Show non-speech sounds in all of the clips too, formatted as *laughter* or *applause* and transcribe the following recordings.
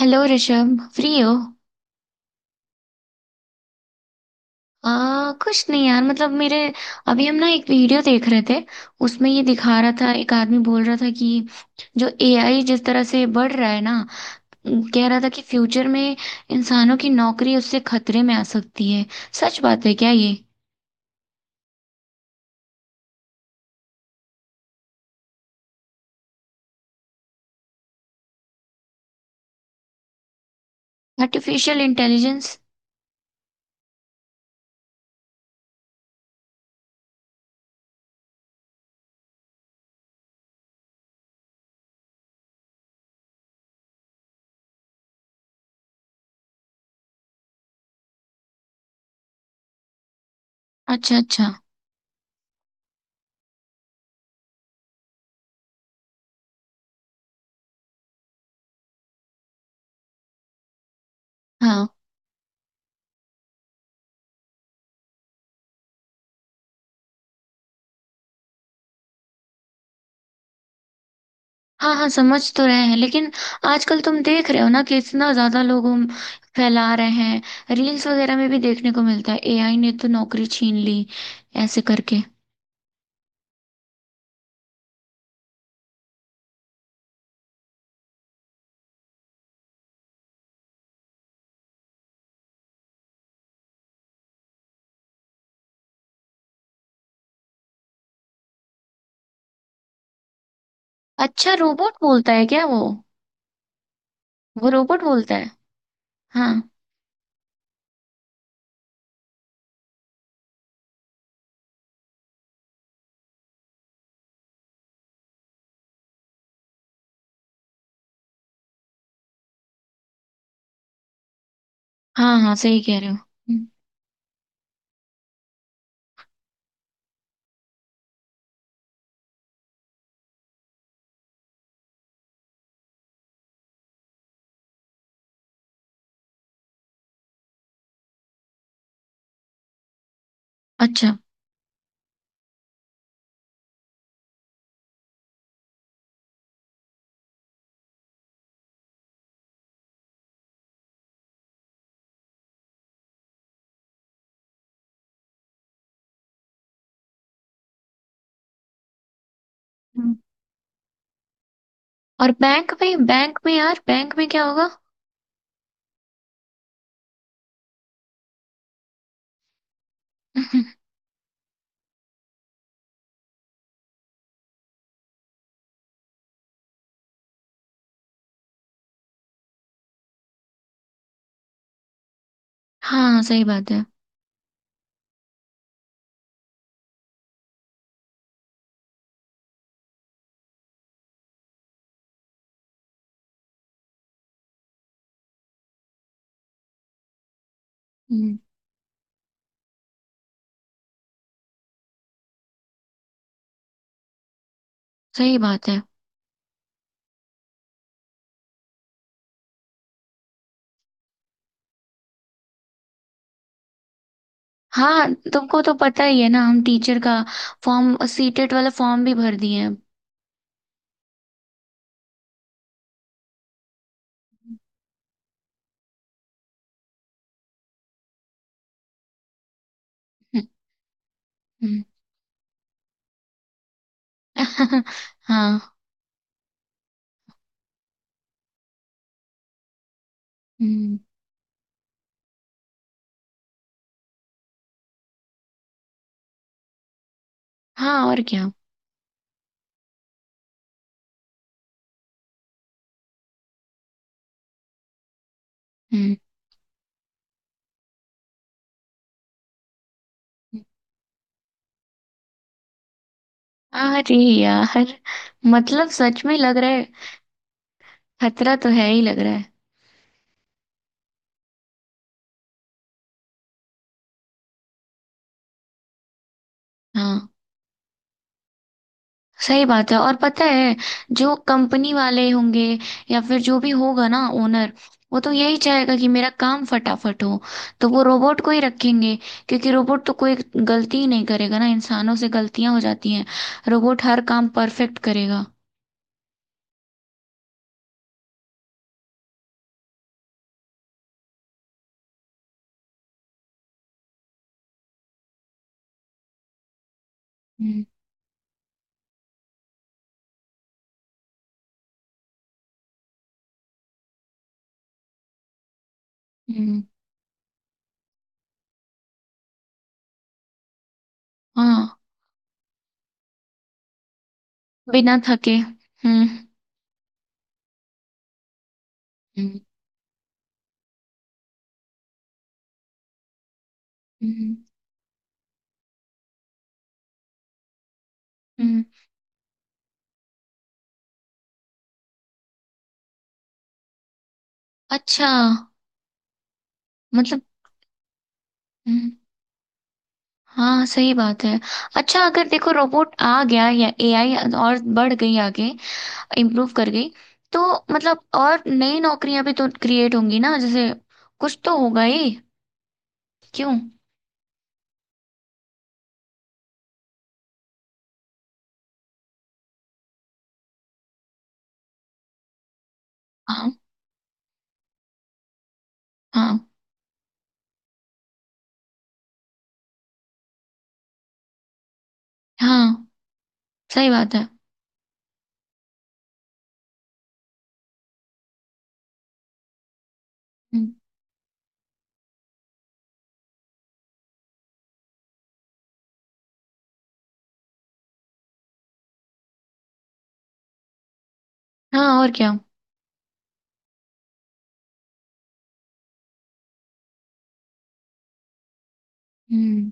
Hello Rishabh, free हो? कुछ नहीं यार, मतलब मेरे अभी हम ना एक वीडियो देख रहे थे। उसमें ये दिखा रहा था, एक आदमी बोल रहा था कि जो एआई जिस तरह से बढ़ रहा है ना, कह रहा था कि फ्यूचर में इंसानों की नौकरी उससे खतरे में आ सकती है। सच बात है क्या ये? Artificial intelligence. अच्छा, अच्छा। हाँ, हाँ, हाँ समझ तो रहे हैं, लेकिन आजकल तुम देख रहे हो ना कि इतना ज्यादा लोग हम फैला रहे हैं, रील्स वगैरह में भी देखने को मिलता है एआई ने तो नौकरी छीन ली, ऐसे करके। अच्छा, रोबोट बोलता है क्या वो? वो रोबोट बोलता है। हाँ, हाँ, हाँ सही कह रहे हो। हम्म। अच्छा। हम्म। और बैंक में, बैंक में यार, बैंक में क्या होगा? *laughs* हाँ सही बात है। हम्म। सही बात है। हाँ तुमको तो पता ही है ना, हम टीचर का फॉर्म, सीटेट वाला फॉर्म भी भर दिए हैं। हम्म। हम्म। *laughs* हाँ। हम्म। हाँ और क्या। हम्म। अरे यार, मतलब सच में लग रहा है, खतरा तो है ही, लग रहा है। हाँ सही बात है। और पता है जो कंपनी वाले होंगे या फिर जो भी होगा ना, ओनर, वो तो यही चाहेगा कि मेरा काम फटाफट हो, तो वो रोबोट को ही रखेंगे, क्योंकि रोबोट तो कोई गलती ही नहीं करेगा ना, इंसानों से गलतियां हो जाती हैं। रोबोट हर काम परफेक्ट करेगा। हम्म। हम्म। हाँ। बिना थके। हम्म। हम्म। हम्म। हम्म। अच्छा। मतलब। हम्म। हाँ सही बात है। अच्छा, अगर देखो रोबोट आ गया या एआई और बढ़ गई आगे, इम्प्रूव कर गई, तो मतलब और नई नौकरियां भी तो क्रिएट होंगी ना, जैसे कुछ तो होगा ही, क्यों? हाँ, हाँ, हाँ सही बात है। हम्म। हाँ और क्या। हम्म।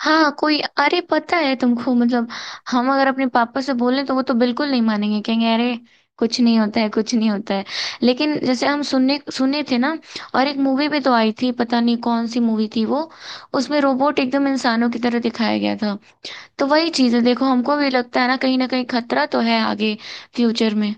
हाँ कोई, अरे पता है तुमको, मतलब हम अगर अपने पापा से बोलें तो वो तो बिल्कुल नहीं मानेंगे, कहेंगे अरे कुछ नहीं होता है, कुछ नहीं होता है। लेकिन जैसे हम सुनने सुने थे ना, और एक मूवी भी तो आई थी, पता नहीं कौन सी मूवी थी वो, उसमें रोबोट एकदम इंसानों की तरह दिखाया गया था। तो वही चीज़ है, देखो हमको भी लगता है ना, कहीं ना कहीं खतरा तो है आगे, फ्यूचर में।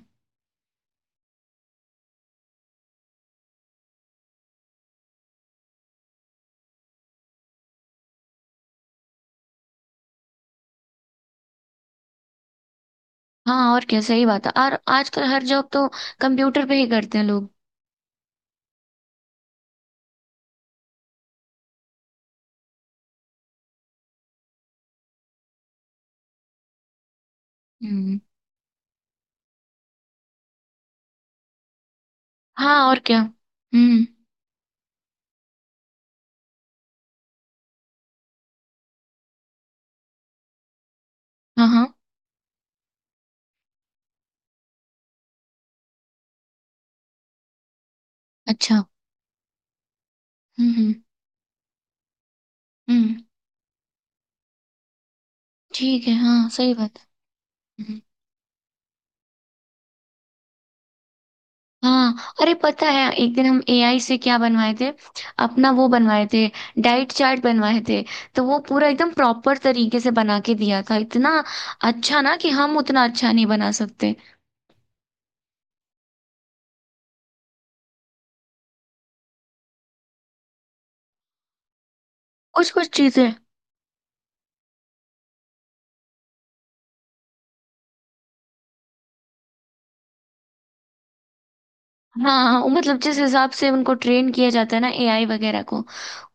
हाँ और क्या, सही बात है, और आजकल हर जॉब तो कंप्यूटर पे ही करते हैं लोग। हम्म। हाँ और क्या। हम्म। हाँ, हाँ। अच्छा। हम्म। हम्म। हम्म। ठीक है। हाँ सही बात है। हम्म। हाँ, अरे पता है एक दिन हम एआई से क्या बनवाए थे? अपना वो बनवाए थे, डाइट चार्ट बनवाए थे, तो वो पूरा एकदम प्रॉपर तरीके से बना के दिया था। इतना अच्छा ना, कि हम उतना अच्छा नहीं बना सकते। कुछ कुछ चीजें। हाँ, वो मतलब जिस हिसाब से उनको ट्रेन किया जाता है ना, एआई वगैरह को,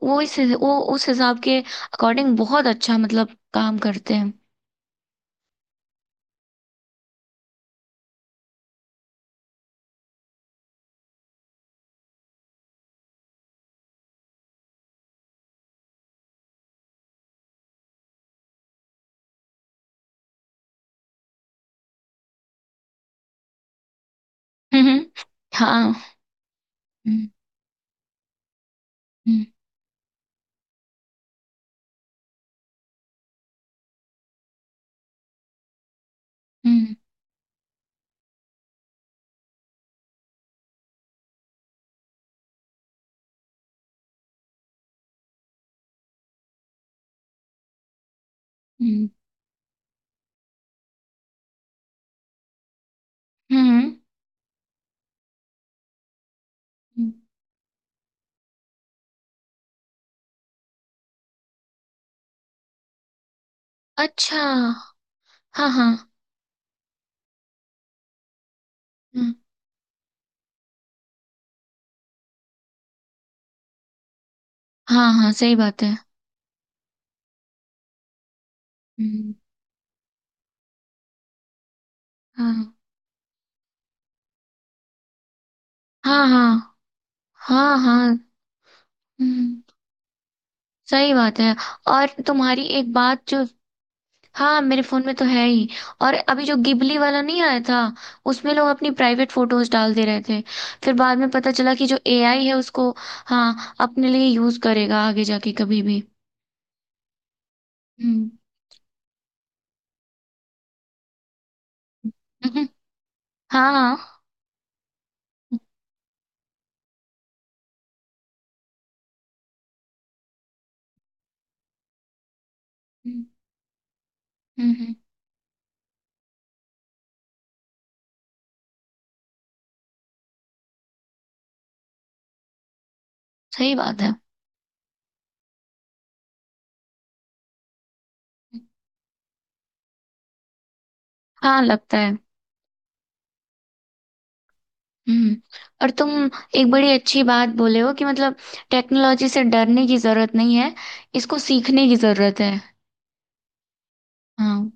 वो इस वो उस हिसाब के अकॉर्डिंग बहुत अच्छा मतलब काम करते हैं। हम्म। हाँ। हम्म। हम्म। हम्म। हम्म। हम्म। हम्म। अच्छा। हाँ, हाँ। हम्म। हाँ, हाँ सही बात है। हम्म। हाँ, हाँ, हाँ, हाँ, हाँ, हाँ। हम्म। सही बात है। और तुम्हारी एक बात जो, हाँ मेरे फोन में तो है ही। और अभी जो गिबली वाला नहीं आया था, उसमें लोग अपनी प्राइवेट फोटोज डाल दे रहे थे। फिर बाद में पता चला कि जो एआई है उसको, हाँ, अपने लिए यूज करेगा आगे जाके कभी भी। हम्म। हम्म। हाँ, हाँ। हम्म। हम्म। हम्म। सही बात है। हाँ लगता है। हम्म। और तुम एक बड़ी अच्छी बात बोले हो कि मतलब टेक्नोलॉजी से डरने की जरूरत नहीं है, इसको सीखने की जरूरत है। हाँ,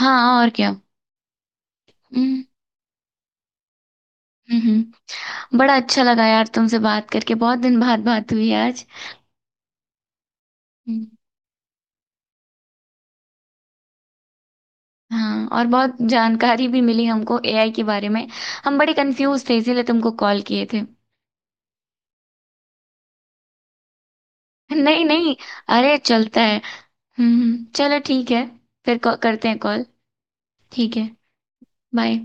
हाँ और क्या। हम्म। हम्म। हम्म। बड़ा अच्छा लगा यार तुमसे बात करके, बहुत दिन बाद बात हुई आज। हम्म। हाँ, और बहुत जानकारी भी मिली हमको एआई के बारे में। हम बड़े कंफ्यूज थे इसीलिए तुमको कॉल किए थे। नहीं, नहीं, अरे चलता है। हम्म, चलो ठीक है। फिर करते हैं कॉल। ठीक है। बाय।